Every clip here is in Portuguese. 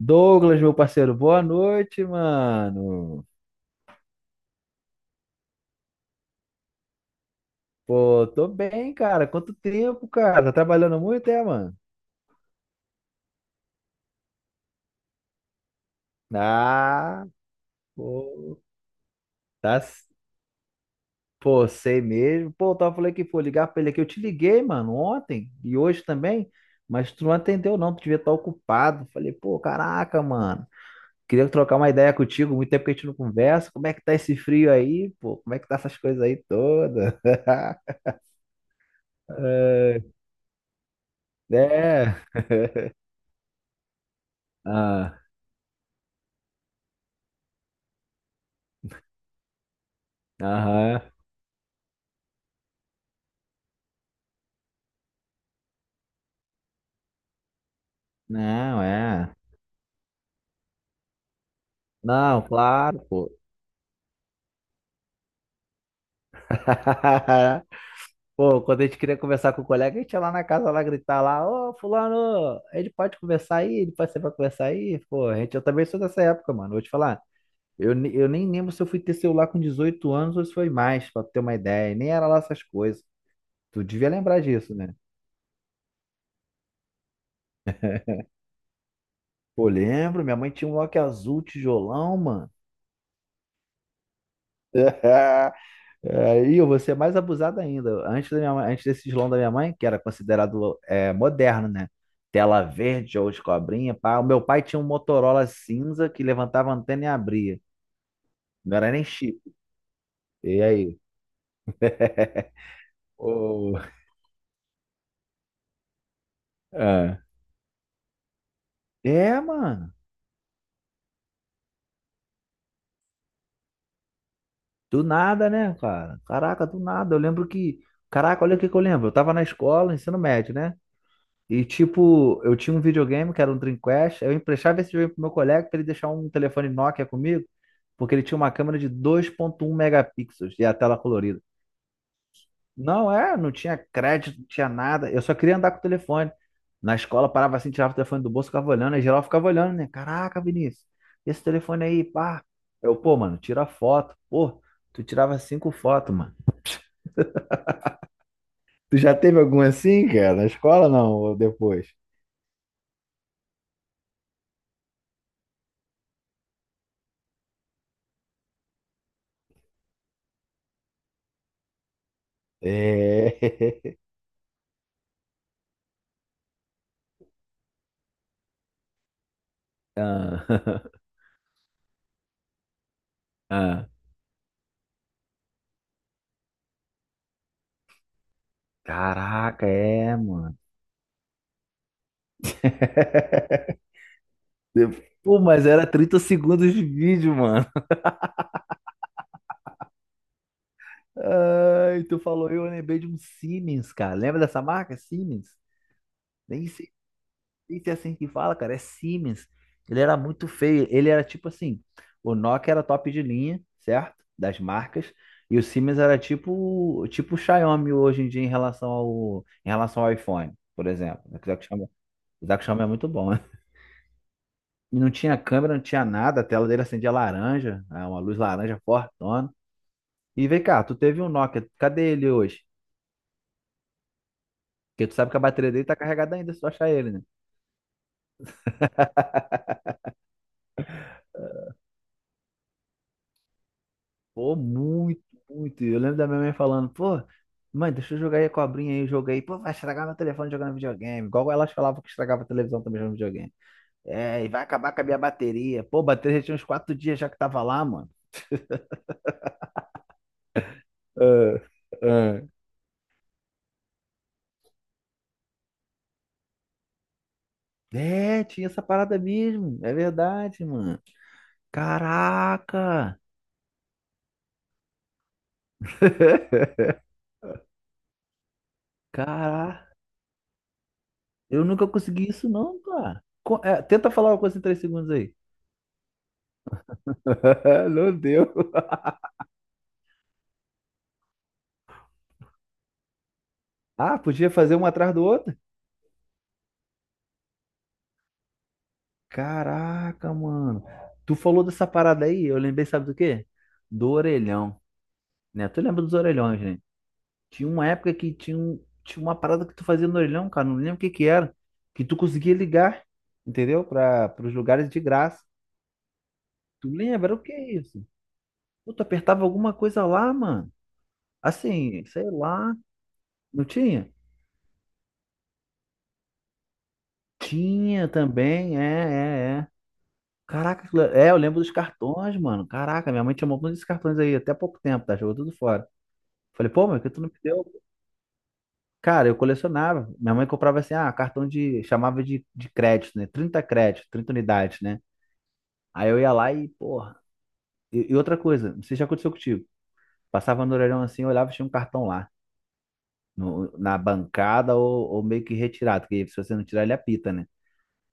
Douglas, meu parceiro, boa noite, mano. Pô, tô bem, cara. Quanto tempo, cara? Tá trabalhando muito, é, mano? Ah, pô. Tá, pô, sei mesmo. Pô, eu tava falando que, pô, ligar pra ele aqui. Eu te liguei, mano, ontem e hoje também, mas tu não atendeu, não. Tu devia estar ocupado. Falei, pô, caraca, mano. Queria trocar uma ideia contigo. Muito tempo que a gente não conversa. Como é que tá esse frio aí, pô? Como é que tá essas coisas aí todas? É. É. Ah, aham. Não, é. Não, claro, pô. Pô, quando a gente queria conversar com o colega, a gente ia lá na casa lá gritar lá, ô, fulano, ele pode conversar aí, ele pode ser pra conversar aí, pô, a gente, eu também sou dessa época, mano, vou te falar, eu nem lembro se eu fui ter celular com 18 anos ou se foi mais, pra ter uma ideia, nem era lá essas coisas, tu devia lembrar disso, né? Pô, lembro, minha mãe tinha um Nokia azul, tijolão, mano. Aí eu vou ser mais abusado ainda. Antes da minha mãe, antes desse Islão da minha mãe, que era considerado é, moderno, né? Tela verde ou de cobrinha. Pá. O meu pai tinha um Motorola cinza que levantava a antena e abria. Não era nem chip. E aí? Ô, é. É, mano. Do nada, né, cara? Caraca, do nada. Eu lembro que. Caraca, olha o que que eu lembro. Eu tava na escola, ensino médio, né? E, tipo, eu tinha um videogame que era um Dreamcast, eu emprestava esse videogame pro meu colega pra ele deixar um telefone Nokia comigo, porque ele tinha uma câmera de 2,1 megapixels e a tela colorida. Não é, não tinha crédito, não tinha nada, eu só queria andar com o telefone. Na escola parava assim, tirava o telefone do bolso, ficava olhando, aí geral ficava olhando, né? Caraca, Vinícius, esse telefone aí, pá. Eu, pô, mano, tira foto. Pô, tu tirava cinco fotos, mano. Tu já teve algum assim, cara? Na escola não, ou depois? É. Ah. Ah. Caraca, é, mano. De. Pô, mas era 30 segundos de vídeo, mano. Ai, tu falou, eu lembrei de um Siemens, cara. Lembra dessa marca? Siemens? Nem sei, nem sei assim que fala, cara. É Siemens. Ele era muito feio. Ele era tipo assim: o Nokia era top de linha, certo? Das marcas. E o Siemens era tipo o Xiaomi hoje em dia em relação ao, iPhone, por exemplo. O que chama é muito bom, né? E não tinha câmera, não tinha nada, a tela dele acendia laranja, né, uma luz laranja fortona. E vem cá, tu teve um Nokia, cadê ele hoje? Porque tu sabe que a bateria dele tá carregada ainda, se tu achar ele, né? Pô, muito, muito. Eu lembro da minha mãe falando, pô, mãe, deixa eu jogar aí a cobrinha aí, eu joguei. Pô, vai estragar meu telefone jogando videogame. Igual elas falavam que estragava a televisão também jogando videogame. É, e vai acabar com a minha bateria. Pô, a bateria já tinha uns 4 dias já que tava lá, mano. Ah, ah. É, tinha essa parada mesmo. É verdade, mano. Caraca! Caralho, eu nunca consegui isso não, cara. Co- é, tenta falar uma coisa em 3 segundos aí. Não deu. Ah, podia fazer um atrás do outro? Caraca, mano. Tu falou dessa parada aí, eu lembrei, sabe do quê? Do orelhão, né? Tu lembra dos orelhões, né? Tinha uma época que tinha, um, tinha uma parada que tu fazia no orelhão, cara, não lembro o que que era, que tu conseguia ligar, entendeu? Para os lugares de graça. Tu lembra? Era. O que é isso? Pô, tu apertava alguma coisa lá, mano. Assim, sei lá. Não tinha? Tinha também, é, é, é. Caraca, aquilo, é, eu lembro dos cartões, mano. Caraca, minha mãe tinha um montão desses cartões aí, até há pouco tempo, tá? Jogou tudo fora. Falei, pô, mas que tu não me deu? Cara, eu colecionava. Minha mãe comprava assim, ah, cartão de, chamava de crédito, né? 30 créditos, 30 unidades, né? Aí eu ia lá e, porra. E outra coisa, não sei se já aconteceu contigo. Passava no orelhão assim, eu olhava e tinha um cartão lá, na bancada ou meio que retirado, porque se você não tirar, ele apita, né?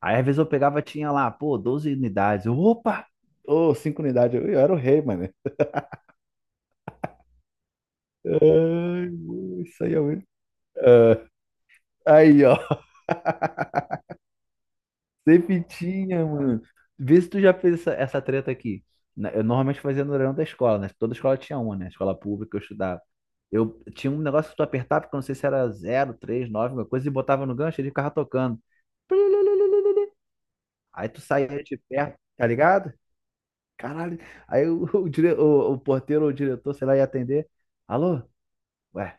Aí às vezes eu pegava, tinha lá, pô, 12 unidades. Eu, opa! Ô, 5 unidades. Eu era o rei, mano. Ai, isso aí é muito. Ah, aí, ó. Sempre tinha, mano. Vê se tu já fez essa treta aqui. Eu normalmente fazia no horário da escola, né? Toda escola tinha uma, né? Escola pública que eu estudava. Eu tinha um negócio que tu apertava, porque eu não sei se era 0, 3, 9, alguma coisa, e botava no gancho, ele ficava tocando. Aí tu saía de perto, tá ligado? Caralho. Aí o, o porteiro ou o diretor, sei lá, ia atender. Alô? Ué.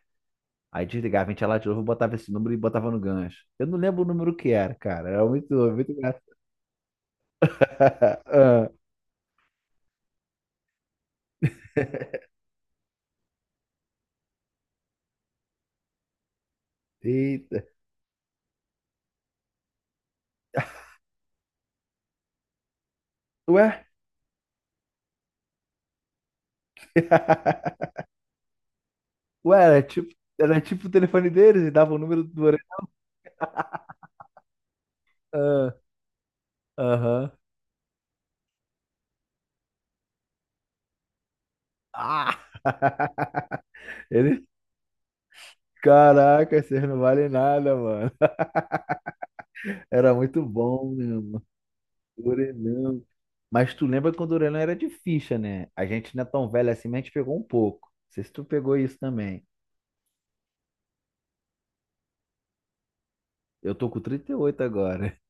Aí desligava, a gente ia lá de novo, botava esse número e botava no gancho. Eu não lembro o número que era, cara. Era muito, muito engraçado. Ah. Eita. Ué? Ué, era tipo o telefone deles e dava o número do orelha. Ah. Aham. Ah, ele. Caraca, vocês não valem nada, mano. Era muito bom, né, mano? Orelhão. Mas tu lembra quando o orelhão era de ficha, né? A gente não é tão velho assim, mas a gente pegou um pouco. Não sei se tu pegou isso também. Eu tô com 38 agora.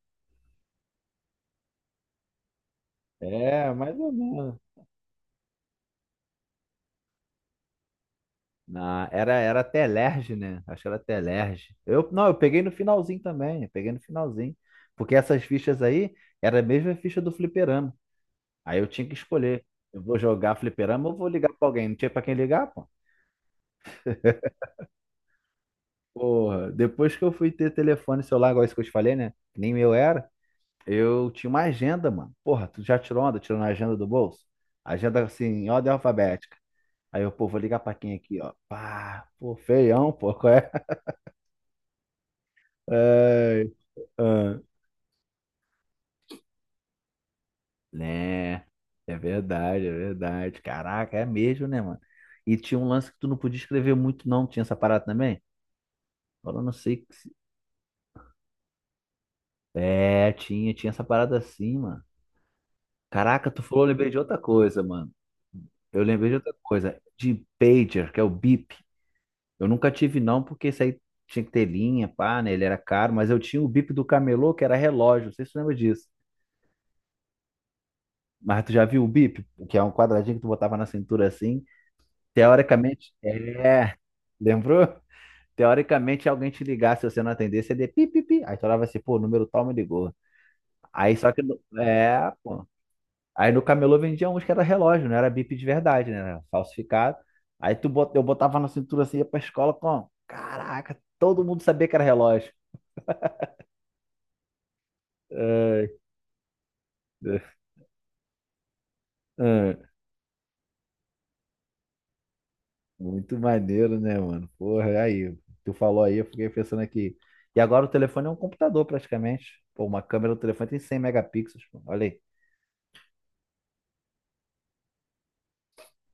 É, mais ou menos. Não, era, era Telerge, né? Acho que era Telerge. Eu, não, eu peguei no finalzinho também. Eu peguei no finalzinho. Porque essas fichas aí era a mesma ficha do fliperama. Aí eu tinha que escolher. Eu vou jogar fliperama ou vou ligar pra alguém? Não tinha pra quem ligar, pô. Porra, depois que eu fui ter telefone celular, igual isso que eu te falei, né? Que nem meu era. Eu tinha uma agenda, mano. Porra, tu já tirou onda? Tirou na agenda do bolso? Agenda assim, em ordem alfabética. Aí eu, pô, vou ligar pra quem aqui, ó. Pá, pô, feião, pô, qual é? Ai, ah. Né, é verdade, é verdade. Caraca, é mesmo, né, mano? E tinha um lance que tu não podia escrever muito, não. Tinha essa parada também? Agora eu não sei. Que se- É, tinha essa parada assim, mano. Caraca, tu falou, eu lembrei de outra coisa, mano. Eu lembrei de outra coisa. De pager, que é o bip. Eu nunca tive não, porque isso aí tinha que ter linha, pá, né? Ele era caro, mas eu tinha o bip do camelô, que era relógio, não sei se você lembra disso. Mas tu já viu o bip, que é um quadradinho que tu botava na cintura assim, teoricamente, é, lembrou? Teoricamente, alguém te ligasse, se você não atendesse, você ia pi, pi, pi. Aí tu olhava assim, pô, o número tal me ligou. Aí só que, é, pô. Aí no camelô vendia uns que era relógio, não era bip de verdade, né? Era falsificado. Aí tu bot, eu botava na cintura assim, ia pra escola com, caraca, todo mundo sabia que era relógio. É. Ah, muito maneiro, né, mano? Porra, aí, tu falou aí, eu fiquei pensando aqui. E agora o telefone é um computador, praticamente. Pô, uma câmera do telefone tem 100 megapixels, pô. Olha aí.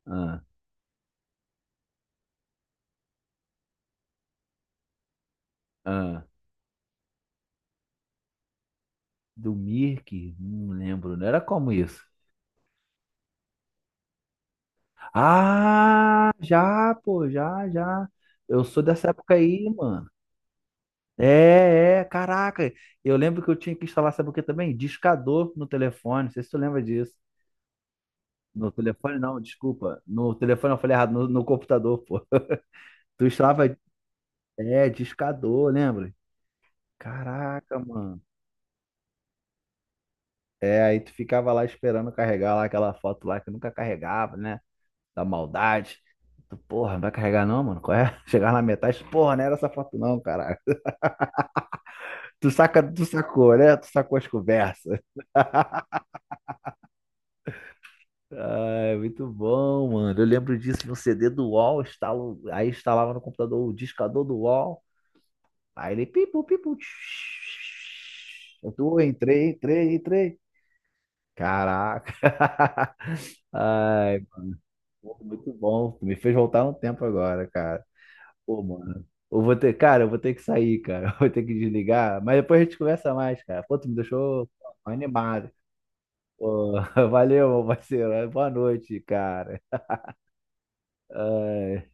Ah, ah. Do Mirk? Não lembro, não era como isso. Ah, já, pô, já, já. Eu sou dessa época aí, mano. É, é, caraca. Eu lembro que eu tinha que instalar, sabe o que também? Discador no telefone. Não sei se tu lembra disso. No telefone, não, desculpa. No telefone eu falei errado, no computador, pô. Tu estava, é, discador, lembra? Caraca, mano. É, aí tu ficava lá esperando carregar lá aquela foto lá que nunca carregava, né? Da maldade. Tu, porra, não vai carregar não, mano? Qual é? Chegar na metade, porra, não era essa foto não, caralho. Tu saca, tu sacou, né? Tu sacou as conversas. Ah, é muito bom, mano. Eu lembro disso no CD do UOL, instalo, aí instalava no computador o discador do UOL, aí ele pipu, pipu, tch. Eu tô, entrei, entrei, entrei. Caraca. Ai, pô, muito bom. Me fez voltar um tempo agora, cara. Pô, mano. Eu vou ter, cara, eu vou ter que sair, cara. Eu vou ter que desligar. Mas depois a gente conversa mais, cara. Pô, tu me deixou pô, animado. Pô, valeu, meu parceiro. Boa noite, cara. Ai.